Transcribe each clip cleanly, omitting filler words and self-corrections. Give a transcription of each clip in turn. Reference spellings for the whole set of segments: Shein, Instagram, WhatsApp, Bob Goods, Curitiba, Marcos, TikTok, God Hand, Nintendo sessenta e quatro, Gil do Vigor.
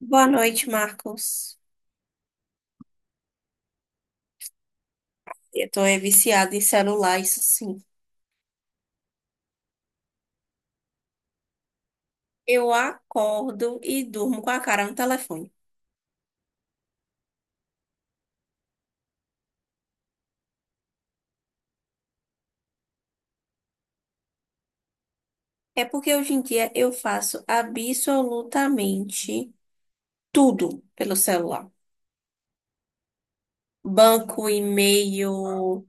Boa noite, Marcos. Eu tô viciada em celular, isso sim. Eu acordo e durmo com a cara no telefone. É porque hoje em dia eu faço absolutamente tudo pelo celular. Banco, e-mail,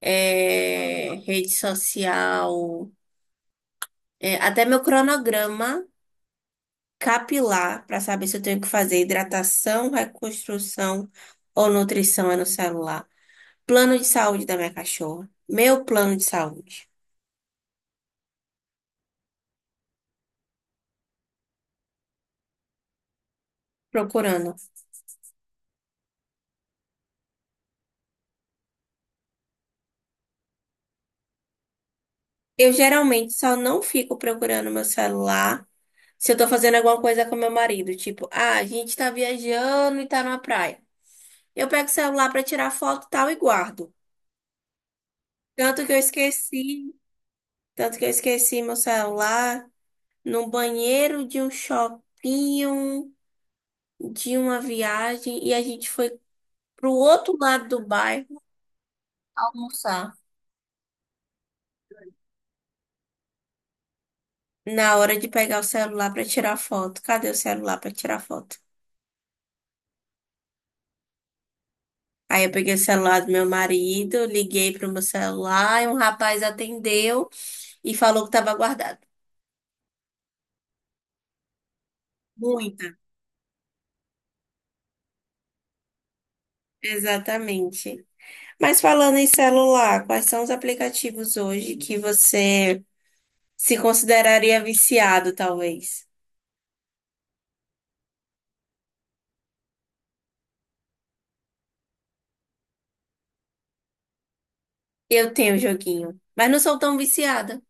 rede social, até meu cronograma capilar para saber se eu tenho que fazer hidratação, reconstrução ou nutrição é no celular. Plano de saúde da minha cachorra. Meu plano de saúde. Procurando. Eu geralmente só não fico procurando meu celular se eu tô fazendo alguma coisa com meu marido. Tipo, ah, a gente tá viajando e tá na praia. Eu pego o celular pra tirar foto e tal e guardo. Tanto que eu esqueci, tanto que eu esqueci meu celular no banheiro de um shopping de uma viagem e a gente foi pro outro lado do bairro almoçar. Na hora de pegar o celular para tirar foto. Cadê o celular para tirar foto? Aí eu peguei o celular do meu marido, liguei pro meu celular e um rapaz atendeu e falou que estava guardado. Muita. Exatamente. Mas falando em celular, quais são os aplicativos hoje que você se consideraria viciado, talvez? Eu tenho joguinho, mas não sou tão viciada.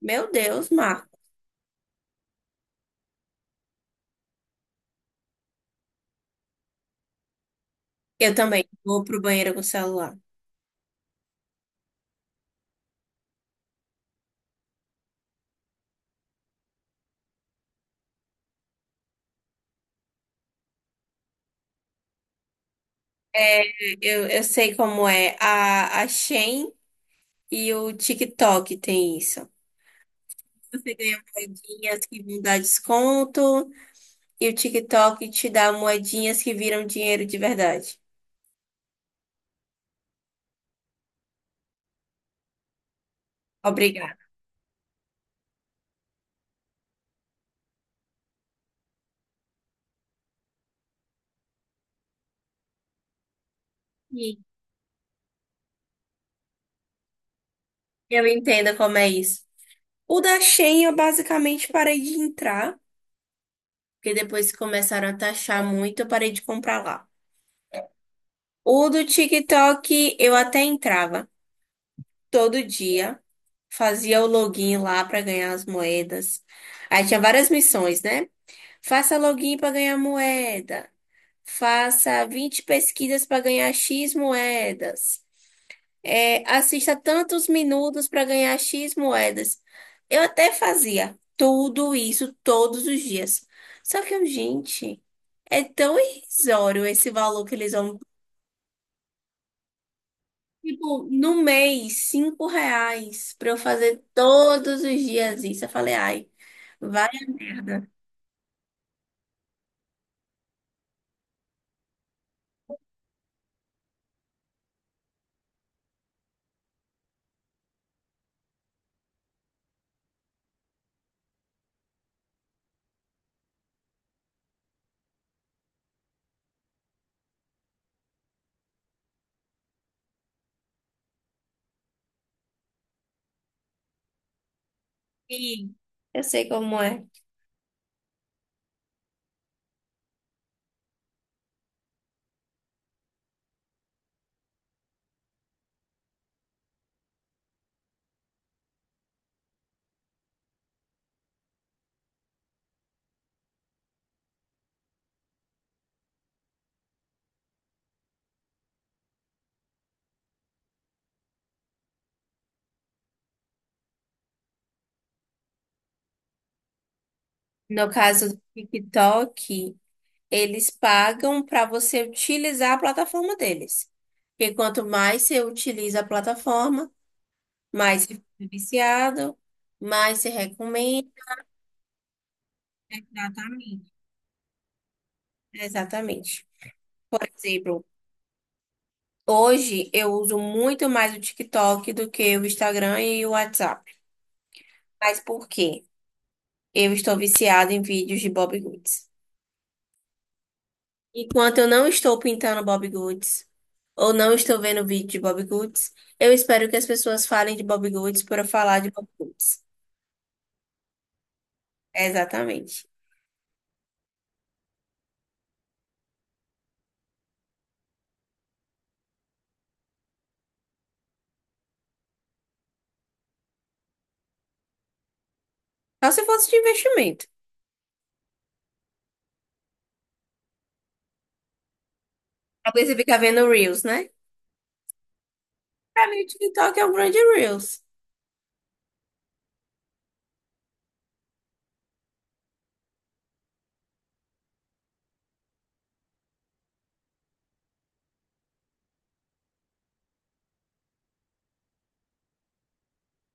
Meu Deus, Marco. Eu também vou pro banheiro com o celular. É, eu sei como é. A Shein e o TikTok tem isso. Você ganha moedinhas que vão dar desconto, e o TikTok te dá moedinhas que viram dinheiro de verdade. Obrigada. Sim. Eu entendo como é isso. O da Shein eu basicamente parei de entrar, porque depois que começaram a taxar muito, eu parei de comprar lá. O do TikTok eu até entrava todo dia, fazia o login lá para ganhar as moedas. Aí tinha várias missões, né? Faça login para ganhar moeda. Faça 20 pesquisas para ganhar X moedas. É, assista tantos minutos para ganhar X moedas. Eu até fazia tudo isso todos os dias. Só que, eu, gente, é tão irrisório esse valor que eles vão. Tipo, no mês, R$ 5 para eu fazer todos os dias isso. Eu falei, ai, vai a merda. E eu sei como é. No caso do TikTok. Eles pagam para você utilizar a plataforma deles. Porque quanto mais você utiliza a plataforma, mais você fica viciado, mais se recomenda. Exatamente. Exatamente. Por exemplo, hoje eu uso muito mais o TikTok do que o Instagram e o WhatsApp. Mas por quê? Eu estou viciada em vídeos de Bob Goods. Enquanto eu não estou pintando Bob Goods ou não estou vendo vídeo de Bob Goods, eu espero que as pessoas falem de Bob Goods para eu falar de Bob Goods. Exatamente. Só se fosse de investimento. Porque você fica vendo Reels, né? Pra mim, o TikTok é um grande Reels.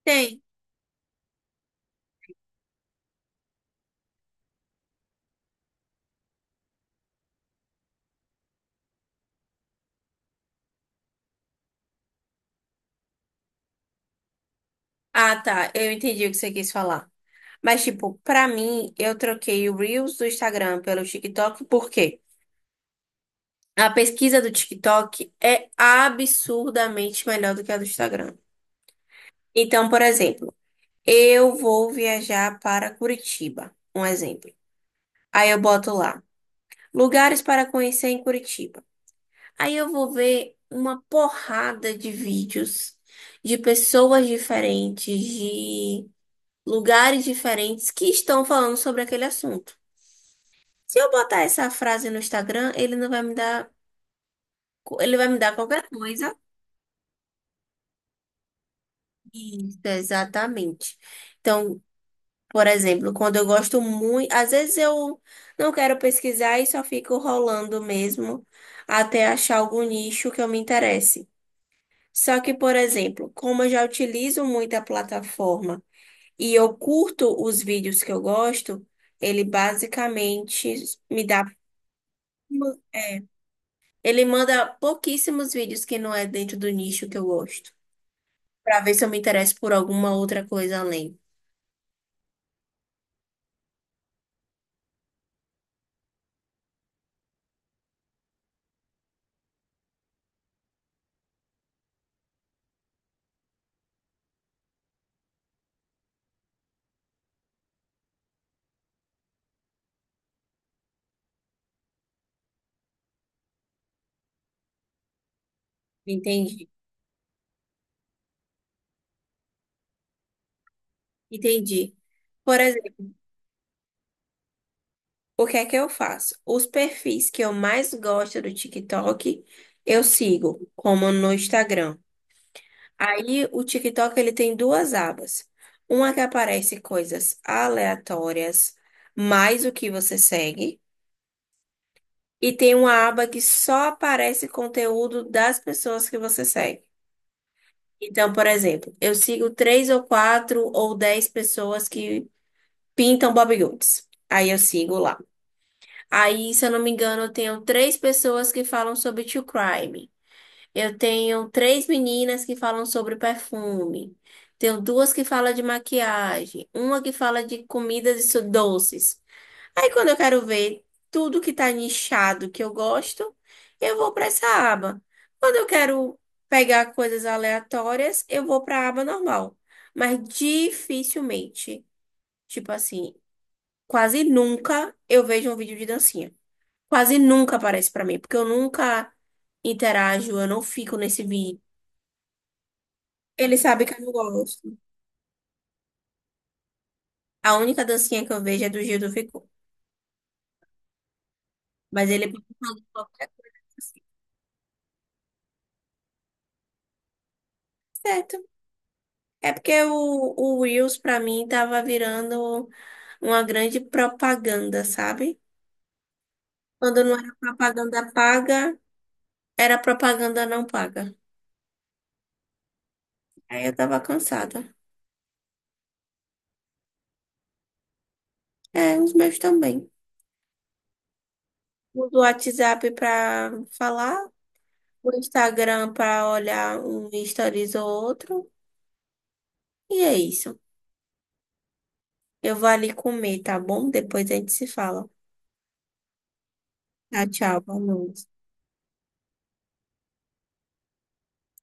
Tem. Ah, tá. Eu entendi o que você quis falar. Mas, tipo, pra mim, eu troquei o Reels do Instagram pelo TikTok, por quê? A pesquisa do TikTok é absurdamente melhor do que a do Instagram. Então, por exemplo, eu vou viajar para Curitiba. Um exemplo. Aí eu boto lá. Lugares para conhecer em Curitiba. Aí eu vou ver uma porrada de vídeos de pessoas diferentes, de lugares diferentes que estão falando sobre aquele assunto. Se eu botar essa frase no Instagram, ele não vai me dar, ele vai me dar qualquer coisa. Isso, exatamente. Então, por exemplo, quando eu gosto muito, às vezes eu não quero pesquisar e só fico rolando mesmo até achar algum nicho que eu me interesse. Só que, por exemplo, como eu já utilizo muito a plataforma e eu curto os vídeos que eu gosto, ele basicamente me dá. É, ele manda pouquíssimos vídeos que não é dentro do nicho que eu gosto, para ver se eu me interesso por alguma outra coisa além. Entendi, entendi. Por exemplo, o que é que eu faço? Os perfis que eu mais gosto do TikTok, eu sigo, como no Instagram. Aí o TikTok ele tem duas abas. Uma que aparece coisas aleatórias, mais o que você segue, e tem uma aba que só aparece conteúdo das pessoas que você segue. Então, por exemplo, eu sigo 3 ou 4 ou 10 pessoas que pintam bodybuilds. Aí eu sigo lá. Aí, se eu não me engano, eu tenho 3 pessoas que falam sobre true crime. Eu tenho 3 meninas que falam sobre perfume. Tenho 2 que falam de maquiagem, uma que fala de comidas e su- doces. Aí quando eu quero ver tudo que tá nichado que eu gosto, eu vou para essa aba. Quando eu quero pegar coisas aleatórias, eu vou para a aba normal. Mas dificilmente, tipo assim, quase nunca eu vejo um vídeo de dancinha. Quase nunca aparece para mim, porque eu nunca interajo, eu não fico nesse vídeo. Ele sabe que eu não gosto. A única dancinha que eu vejo é do Gil do Vigor. Mas ele pode fazer qualquer coisa assim. Certo. É porque o Reels, pra mim, tava virando uma grande propaganda, sabe? Quando não era propaganda paga, era propaganda não paga. Aí eu tava cansada. É, os meus também. Uso o WhatsApp pra falar, o Instagram pra olhar um stories ou outro. E é isso. Eu vou ali comer, tá bom? Depois a gente se fala. Tchau, tchau, boa noite.